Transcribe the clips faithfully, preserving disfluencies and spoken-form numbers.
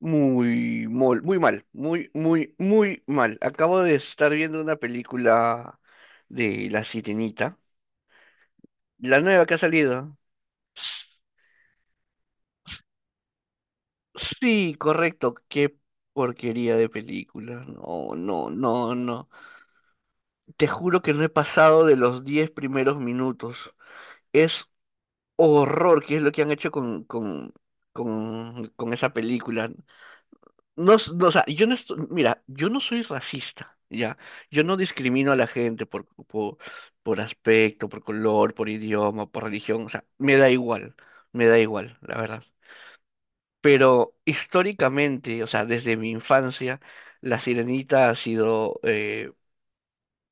Muy, mol- muy mal, muy, muy, muy mal. Acabo de estar viendo una película de La Sirenita, la nueva que ha salido. Sí, correcto, qué porquería de película. No, no, no, no. Te juro que no he pasado de los diez primeros minutos. Es horror, que es lo que han hecho con, con, con, con esa película. No, s- no, o sea, yo no estoy, mira, yo no soy racista, ¿ya? Yo no discrimino a la gente por, por, por aspecto, por color, por idioma, por religión, o sea, me da igual, me da igual, la verdad. Pero históricamente, o sea, desde mi infancia, la sirenita ha sido, eh,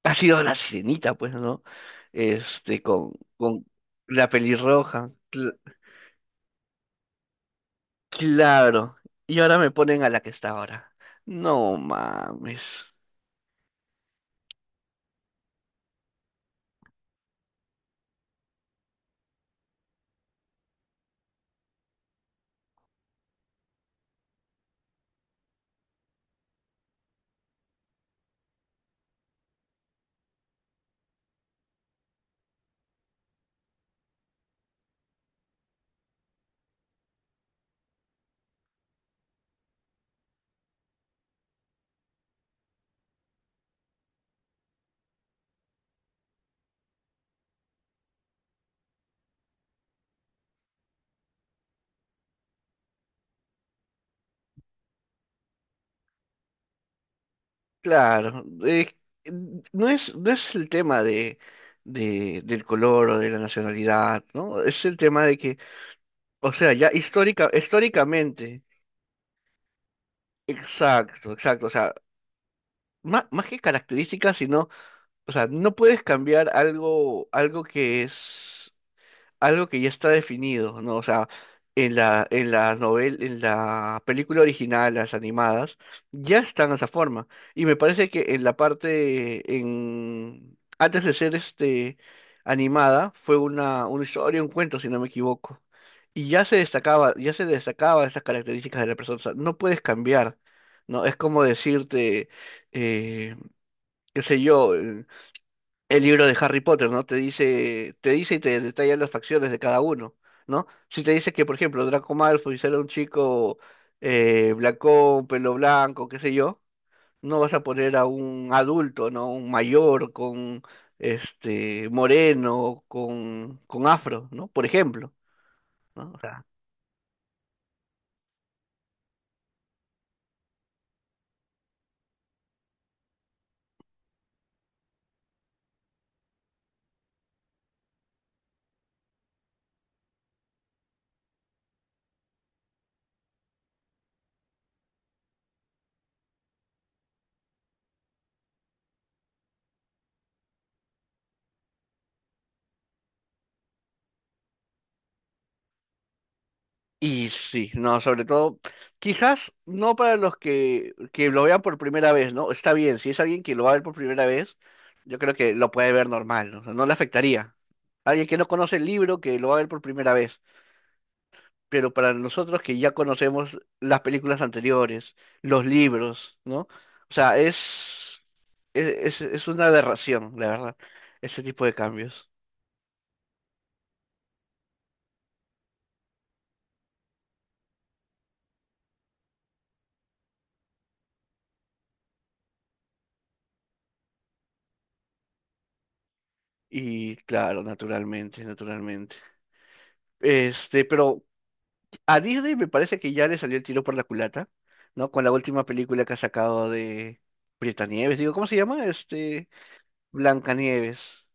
ha sido la sirenita, pues, ¿no? Este, con, con la pelirroja, cl- claro. Y ahora me ponen a la que está ahora. No mames. Claro, eh, no es, no es el tema de, de- del color o de la nacionalidad, ¿no? Es el tema de que, o sea, ya histórica, históricamente, exacto, exacto, o sea, má- más, que características, sino, o sea, no puedes cambiar algo, algo que es algo que ya está definido, ¿no? O sea, en la, en la novel- en la película original, las animadas, ya están de esa forma. Y me parece que en la parte, en, antes de ser este animada, fue una, una historia, un cuento, si no me equivoco. Y ya se destacaba, ya se destacaba esas características de la persona. O sea, no puedes cambiar, ¿no? Es como decirte, eh, qué sé yo el libro de Harry Potter, ¿no? Te dice, te dice y te detalla las facciones de cada uno, ¿no? Si te dice que, por ejemplo, Draco Malfoy será un chico eh, blanco, pelo blanco, qué sé yo, no vas a poner a un adulto, ¿no? Un mayor con este moreno, con, con afro, ¿no? Por ejemplo, ¿no? Y sí, no, sobre todo, quizás no para los que, que lo vean por primera vez, ¿no? Está bien, si es alguien que lo va a ver por primera vez, yo creo que lo puede ver normal, ¿no? O sea, no le afectaría. Alguien que no conoce el libro, que lo va a ver por primera vez. Pero para nosotros que ya conocemos las películas anteriores, los libros, ¿no? O sea, es, es, es es una aberración, la verdad, ese tipo de cambios. Y claro, naturalmente, naturalmente. Este, pero a Disney me parece que ya le salió el tiro por la culata, ¿no? Con la última película que ha sacado de Nieves, digo, ¿cómo se llama? Este, Blancanieves,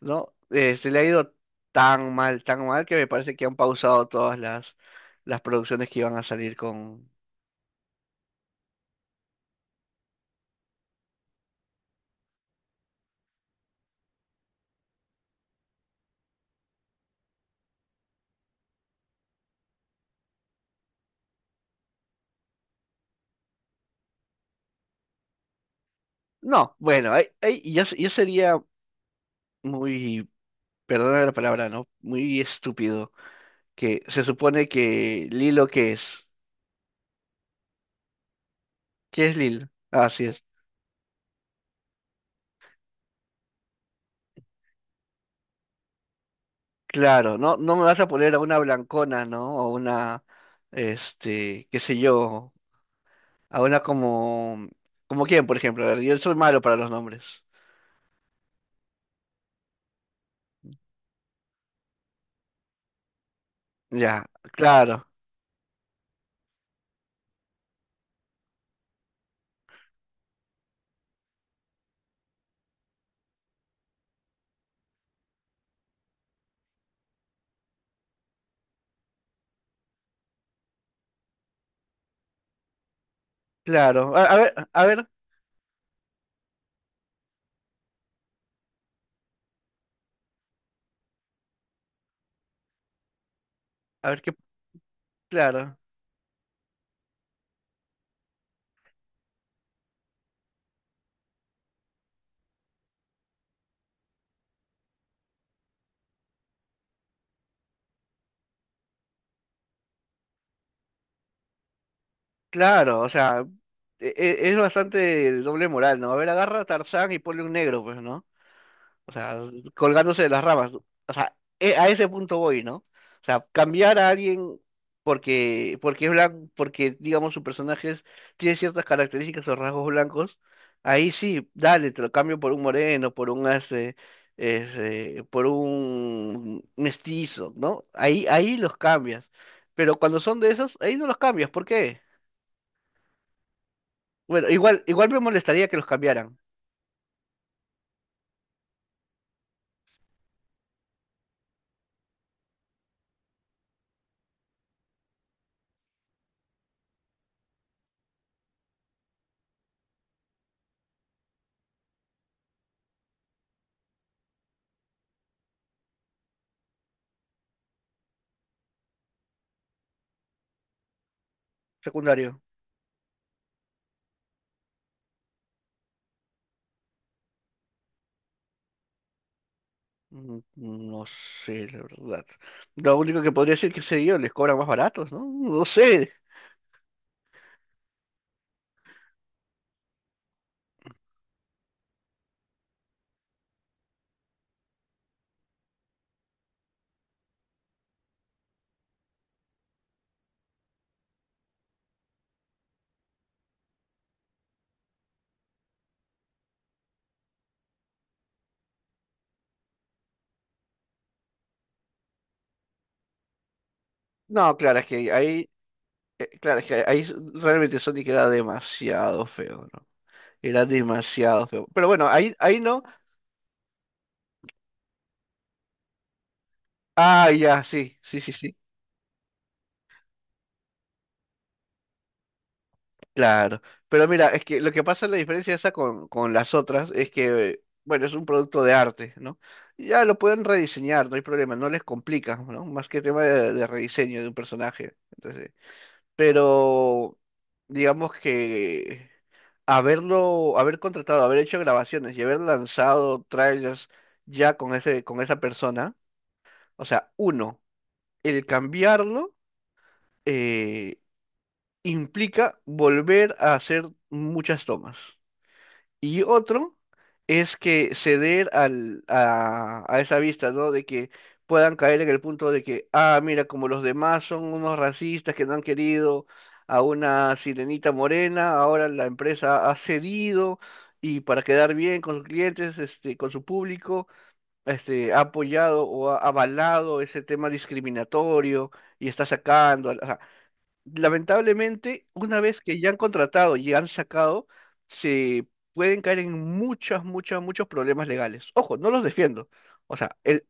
¿no? Este, le ha ido tan mal, tan mal que me parece que han pausado todas las, las producciones que iban a salir con... No, bueno, ahí- ahí ya, se- ya sería muy, perdona la palabra, ¿no? Muy estúpido que se supone que Lilo, ¿qué es? ¿Qué es Lilo? Así es. Claro, no, no me vas a poner a una blancona, ¿no? O una, este, qué sé yo, a una como, como quién, por ejemplo. A ver, yo soy malo para los nombres. Ya, claro, claro. A, a ver, a ver, a ver qué, claro, claro, o sea, e- e- es bastante doble moral, ¿no? A ver, agarra a Tarzán y ponle un negro, pues, ¿no? O sea, colgándose de las ramas. ¿No? O sea, e- a ese punto voy, ¿no? O sea, cambiar a alguien porque, porque es blanco, porque, digamos, su personaje es- tiene ciertas características o rasgos blancos, ahí sí, dale, te lo cambio por un moreno, por un este, este, por un mestizo, ¿no? Ahí, ahí los cambias. Pero cuando son de esos, ahí no los cambias. ¿Por qué? Bueno, igual, igual me molestaría que los cambiaran, secundario. Mm, no sé, la verdad. Lo único que podría decir que sé yo, les cobran más baratos, ¿no? No sé. No, claro, es que ahí, eh, claro, es que ahí s- realmente Sonic era demasiado feo, ¿no? Era demasiado feo. Pero bueno, ahí, ahí no. Ah, ya, sí, sí, sí, sí. Claro. Pero mira, es que lo que pasa, la diferencia esa con, con las otras es que, bueno, es un producto de arte, ¿no? Ya lo pueden rediseñar, no hay problema, no les complica, ¿no? Más que tema de, de rediseño de un personaje. Entonces. Pero digamos que haberlo, haber contratado, haber hecho grabaciones y haber lanzado trailers ya con ese, con esa persona, o sea, uno, el cambiarlo eh, implica volver a hacer muchas tomas. Y otro es que ceder al, a, a esa vista, ¿no? De que puedan caer en el punto de que, ah, mira, como los demás son unos racistas que no han querido a una sirenita morena, ahora la empresa ha cedido y para quedar bien con sus clientes, este, con su público, este, ha apoyado o ha avalado ese tema discriminatorio y está sacando lamentablemente, una vez que ya han contratado y han sacado, se pueden caer en muchas, muchas, muchos problemas legales. Ojo, no los defiendo. O sea, el...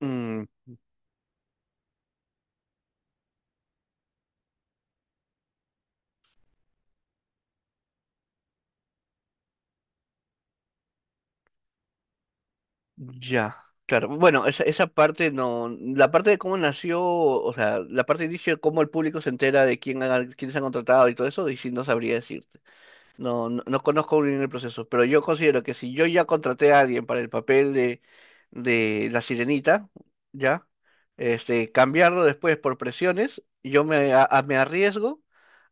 Mm, ya, claro. Bueno, esa, esa parte no... La parte de cómo nació, o sea, la parte de inicio de cómo el público se entera de quién, ha- quiénes han contratado y todo eso, y sí no sabría decir. No, no, no conozco bien el proceso, pero yo considero que si yo ya contraté a alguien para el papel de, de la sirenita, ya, este, cambiarlo después por presiones, yo me, a- a- me arriesgo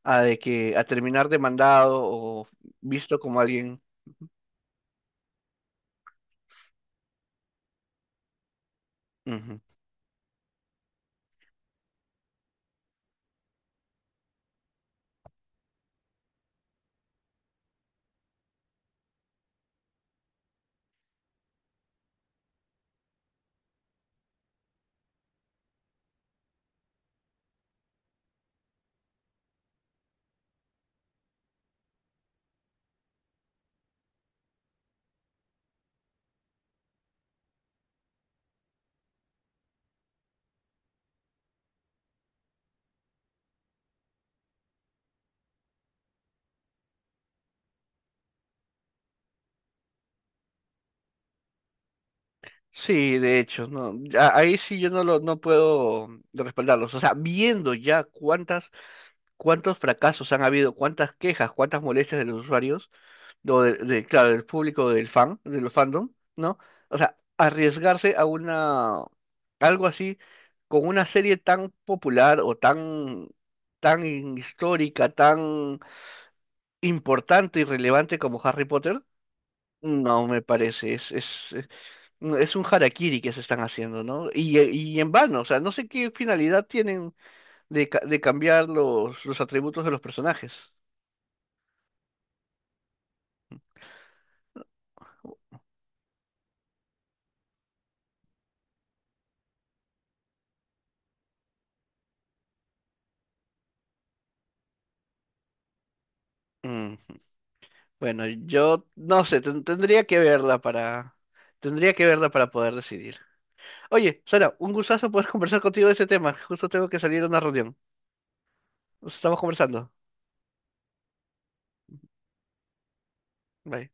a de que a terminar demandado o visto como alguien. Ujú. Sí, de hecho, no, ya ahí sí yo no lo, no puedo respaldarlos. O sea, viendo ya cuántas, cuántos fracasos han habido, cuántas quejas, cuántas molestias de los usuarios. O de, de, claro, del público del fan, de los fandom, ¿no? O sea, arriesgarse a una, algo así, con una serie tan popular o tan, tan histórica, tan importante y relevante como Harry Potter, no me parece, es, es, es es un harakiri que se están haciendo, ¿no? Y, y en vano, o sea, no sé qué finalidad tienen de, ca- de cambiar los, los atributos de los personajes. Bueno, yo no sé, ten- tendría que verla para, tendría que verla para poder decidir. Oye, Sara, un gustazo poder conversar contigo de este tema. Justo tengo que salir a una reunión. Nos estamos conversando. Bye.